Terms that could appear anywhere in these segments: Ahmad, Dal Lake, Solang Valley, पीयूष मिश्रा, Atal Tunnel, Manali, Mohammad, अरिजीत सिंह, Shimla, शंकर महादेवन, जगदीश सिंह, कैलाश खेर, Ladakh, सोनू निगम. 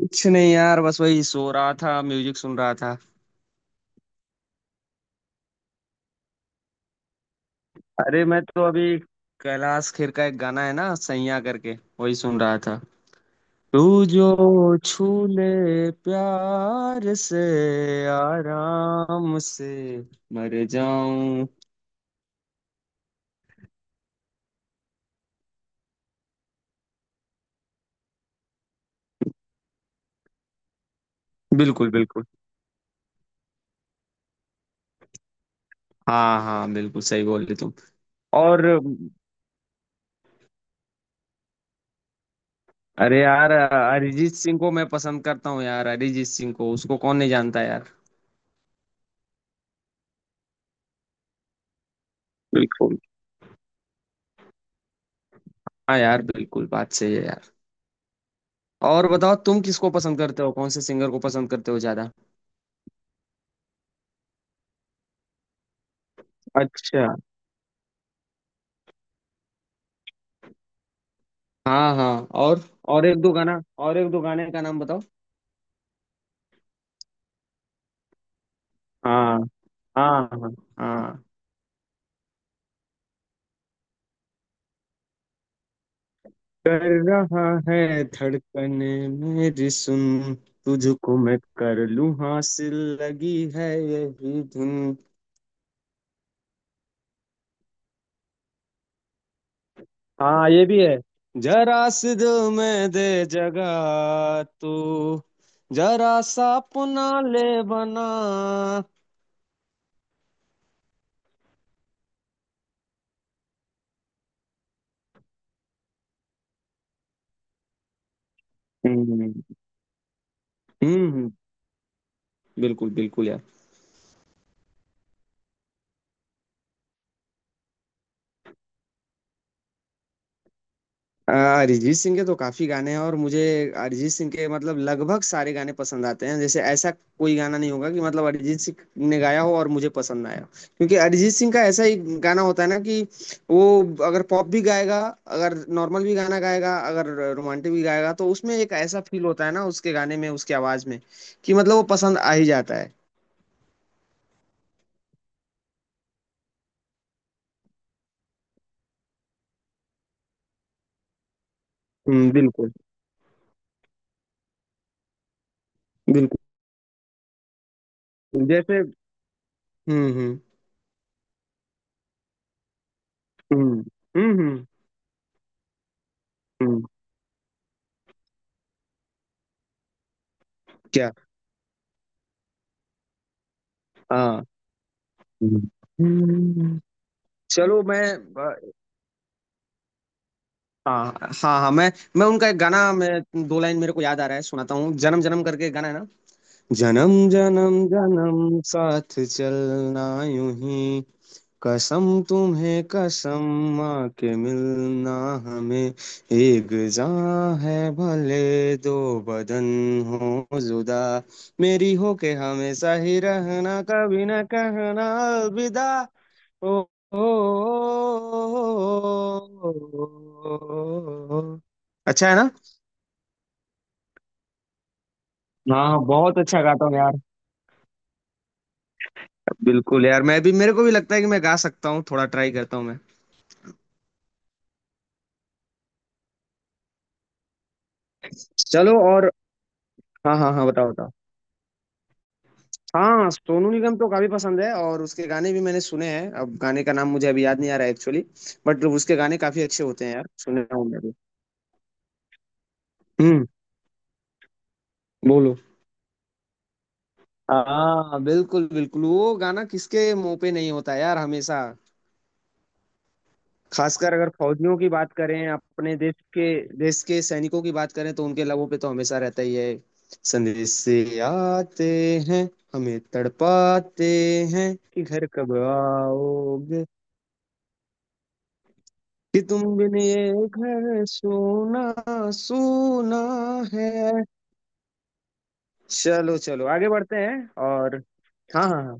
कुछ नहीं यार। बस वही सो रहा था, म्यूजिक सुन रहा था। अरे, मैं तो अभी कैलाश खेर का एक गाना है ना, सैया करके, वही सुन रहा था। तू जो छू ले प्यार से, आराम से मर जाऊं। बिल्कुल बिल्कुल। हाँ हाँ, बिल्कुल सही बोले तुम। और अरे यार, अरिजीत सिंह को मैं पसंद करता हूँ यार। अरिजीत सिंह को उसको कौन नहीं जानता यार। बिल्कुल। हाँ यार, बिल्कुल बात सही है यार। और बताओ, तुम किसको पसंद करते हो, कौन से सिंगर को पसंद करते हो ज्यादा। अच्छा। हाँ हाँ। और और एक दो गाना, और एक दो गाने का नाम बताओ। हाँ। हाँ हाँ। हाँ। कर रहा है धड़कन, मेरी सुन, तुझको मैं कर लूं हासिल, लगी है यही धुन। हाँ, ये भी है। जरा सी दिल में दे जगह तू, जरा सा अपना ले बना। हम्म। हम्म, बिल्कुल बिल्कुल यार। अरिजीत सिंह के तो काफी गाने हैं, और मुझे अरिजीत सिंह के मतलब लगभग सारे गाने पसंद आते हैं। जैसे ऐसा कोई गाना नहीं होगा कि मतलब अरिजीत सिंह ने गाया हो और मुझे पसंद ना आया हो। क्योंकि अरिजीत सिंह का ऐसा ही गाना होता है ना कि वो अगर पॉप भी गाएगा, अगर नॉर्मल भी गाना गाएगा, अगर रोमांटिक भी गाएगा, तो उसमें एक ऐसा फील होता है ना, उसके गाने में उसकी आवाज में, कि मतलब वो पसंद आ ही जाता है। हम्म, बिल्कुल बिल्कुल। जैसे हम्म। हम्म हम्म हम्म हम्म, क्या? हाँ। हम्म। हम्म। चलो मैं हाँ। हाँ हाँ। मैं उनका एक गाना, मैं दो लाइन मेरे को याद आ रहा है, सुनाता हूँ। जन्म जन्म करके गाना है ना। जन्म जन्म जन्म साथ चलना यूं ही, कसम तुम्हें कसम, माँ के मिलना हमें, एक जान है भले दो बदन हो जुदा, मेरी हो के हमेशा ही रहना, कभी न कहना अलविदा। ओ ओ। अच्छा है ना? हाँ, बहुत अच्छा गाता हूँ यार। बिल्कुल यार, मैं भी मेरे को भी लगता है कि मैं गा सकता हूँ, थोड़ा ट्राई करता हूँ मैं। चलो। और हाँ हाँ, हाँ बताओ बताओ। हाँ, सोनू निगम तो काफी पसंद है, और उसके गाने भी मैंने सुने हैं। अब गाने का नाम मुझे अभी याद नहीं आ रहा है एक्चुअली, बट उसके गाने काफी अच्छे होते हैं यार, सुने हूँ मैं भी। हम्म। बोलो। हाँ बिल्कुल बिल्कुल, वो गाना किसके मुंह पे नहीं होता यार, हमेशा। खासकर अगर फौजियों की बात करें, अपने देश के, देश के सैनिकों की बात करें, तो उनके लबों पे तो हमेशा रहता ही है। संदेश से आते हैं, हमें तड़पाते हैं, कि घर कब आओगे, कि तुम बिन ये घर सोना सोना है। चलो चलो, आगे बढ़ते हैं। और हाँ हाँ। हाँ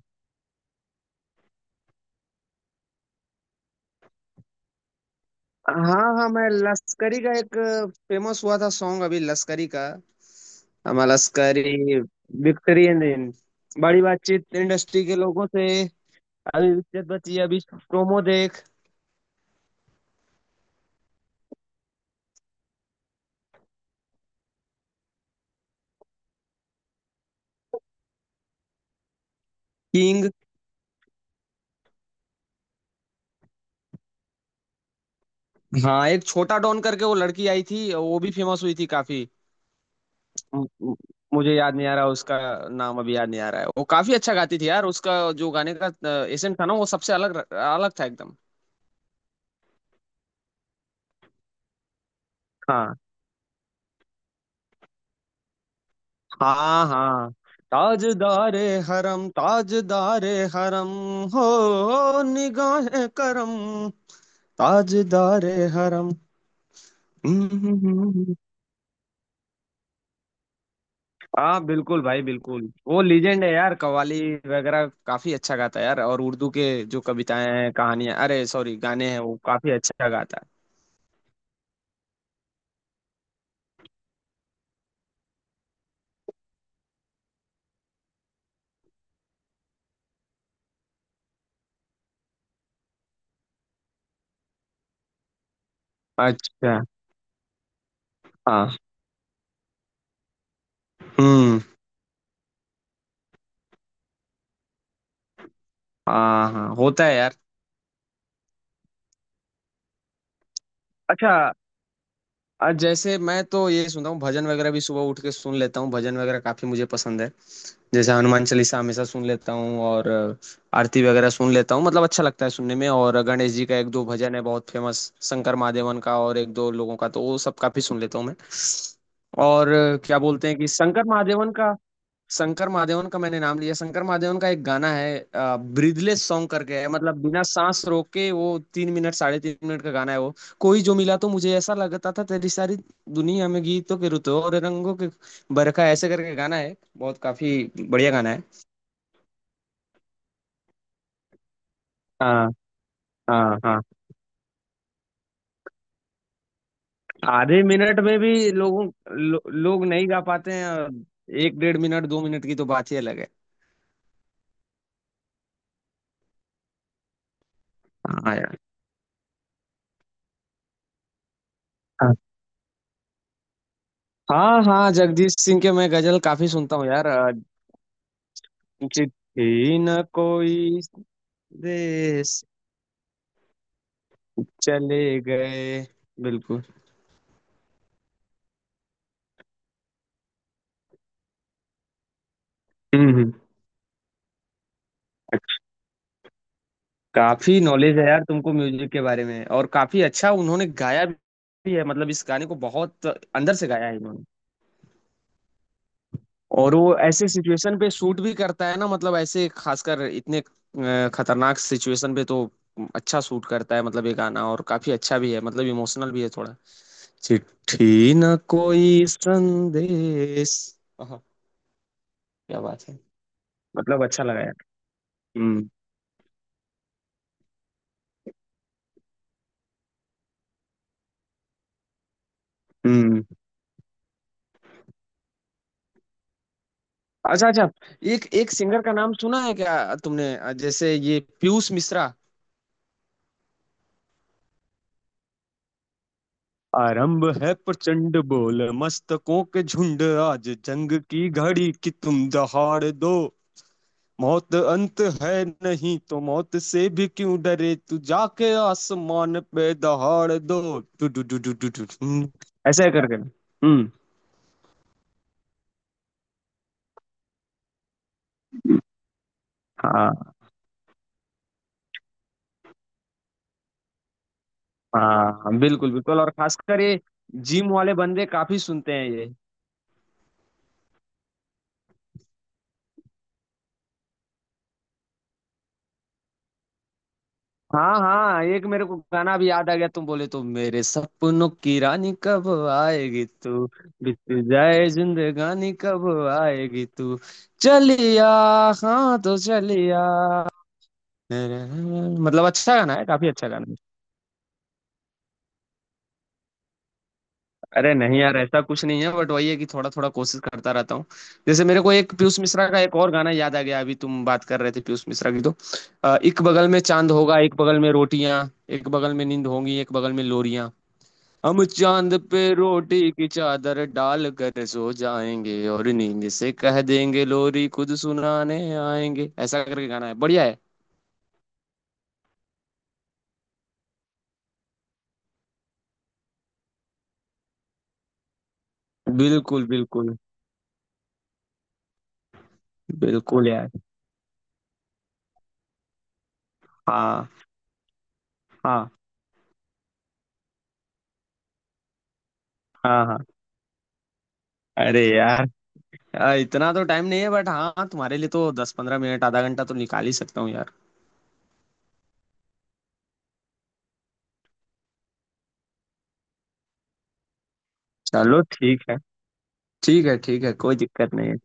हाँ हाँ, मैं लश्करी का एक फेमस हुआ था सॉन्ग अभी, लश्करी का। हमारा लश्करी विक्ट्री एंड इन, बड़ी बातचीत इंडस्ट्री के लोगों से, अभी इज्जत बची अभी प्रोमो देख। किंग। हाँ, एक छोटा डॉन करके वो लड़की आई थी, वो भी फेमस हुई थी काफी। म- म- मुझे याद नहीं आ रहा उसका नाम, अभी याद नहीं आ रहा है। वो काफी अच्छा गाती थी यार, उसका जो गाने का एसेंट था ना, वो सबसे अलग अलग था एकदम। हाँ हाँ। ताजदारे हरम, ताजदारे हरम, हो निगाहे करम, ताजदारे हरम। हम्म, हम्म, हम्म। हाँ बिल्कुल भाई बिल्कुल, वो लीजेंड है यार। कव्वाली वगैरह काफी अच्छा गाता है यार, और उर्दू के जो कविताएं हैं, कहानियां, अरे सॉरी, गाने हैं, वो काफी अच्छा गाता है। अच्छा। हाँ। हम्म। हाँ हाँ, होता है यार। अच्छा। और जैसे मैं तो ये सुनता हूँ, भजन वगैरह भी सुबह उठ के सुन लेता हूँ, भजन वगैरह काफी मुझे पसंद है। जैसे हनुमान चालीसा हमेशा सुन लेता हूँ, और आरती वगैरह सुन लेता हूँ, मतलब अच्छा लगता है सुनने में। और गणेश जी का एक दो भजन है बहुत फेमस, शंकर महादेवन का, और एक दो लोगों का, तो वो सब काफी सुन लेता हूँ मैं। और क्या बोलते हैं, कि शंकर महादेवन का, शंकर महादेवन का मैंने नाम लिया, शंकर महादेवन का एक गाना है, ब्रीदलेस सॉन्ग करके है, मतलब बिना सांस रोक के वो 3 मिनट, साढ़े 3 मिनट का गाना है वो। कोई जो मिला तो मुझे ऐसा लगता था, तेरी सारी दुनिया में गीतों के रुतों और रंगों के बरखा, ऐसे करके गाना है, बहुत काफी बढ़िया गाना है। हाँ हाँ हाँ। आधे मिनट में भी लोगों, लोग नहीं गा पाते हैं, और एक डेढ़ मिनट 2 मिनट की तो बात ही अलग है। हाँ यार। हाँ। हाँ हाँ, जगदीश सिंह के मैं गजल काफी सुनता हूँ यार। चिट्ठी न कोई देश, चले गए। बिल्कुल। हम्म हम्म। काफी नॉलेज है यार तुमको म्यूजिक के बारे में, और काफी अच्छा उन्होंने गाया भी है, मतलब इस गाने को बहुत अंदर से गाया है इन्होंने। और वो ऐसे सिचुएशन पे शूट भी करता है ना, मतलब ऐसे खासकर इतने खतरनाक सिचुएशन पे, तो अच्छा शूट करता है। मतलब ये गाना और काफी अच्छा भी है, मतलब इमोशनल भी है थोड़ा। चिट्ठी न कोई संदेश। आहा, क्या बात है। मतलब अच्छा लगा यार। हम्म। हम्म। अच्छा अच्छा, एक एक सिंगर का नाम सुना है क्या तुमने, जैसे ये पीयूष मिश्रा? आरंभ है प्रचंड, बोल मस्तकों के झुंड, आज जंग की घड़ी कि तुम दहाड़ दो, मौत अंत है नहीं तो मौत से भी क्यों डरे, तू जाके आसमान पे दहाड़ दो। टू टू टू टू टू टू टू। ऐसे करके। हम्म। हाँ हाँ बिल्कुल बिल्कुल, और खासकर ये जिम वाले बंदे काफी सुनते हैं ये। हाँ हाँ, एक मेरे को गाना भी याद आ गया, तुम बोले तो, मेरे सपनों की रानी कब आएगी तू, बीत जाए जिंदगानी कब आएगी तू, चलिया। हाँ तो चलिया, मतलब अच्छा गाना है, काफी अच्छा गाना है। अरे नहीं यार, ऐसा कुछ नहीं है, बट वही है कि थोड़ा थोड़ा कोशिश करता रहता हूँ। जैसे मेरे को एक पीयूष मिश्रा का एक और गाना याद आ गया अभी, तुम बात कर रहे थे पीयूष मिश्रा की तो, एक बगल में चांद होगा, एक बगल में रोटियां, एक बगल में नींद होंगी, एक बगल में लोरियां, हम चांद पे रोटी की चादर डाल कर सो जाएंगे, और नींद से कह देंगे लोरी खुद सुनाने आएंगे। ऐसा करके गाना है, बढ़िया है। बिल्कुल बिल्कुल बिल्कुल यार। हाँ हाँ हाँ हाँ। अरे यार इतना तो टाइम नहीं है, बट हाँ, तुम्हारे लिए तो 10 15 मिनट, आधा घंटा तो निकाल ही सकता हूँ यार। चलो ठीक है। ठीक है ठीक है, कोई दिक्कत नहीं है।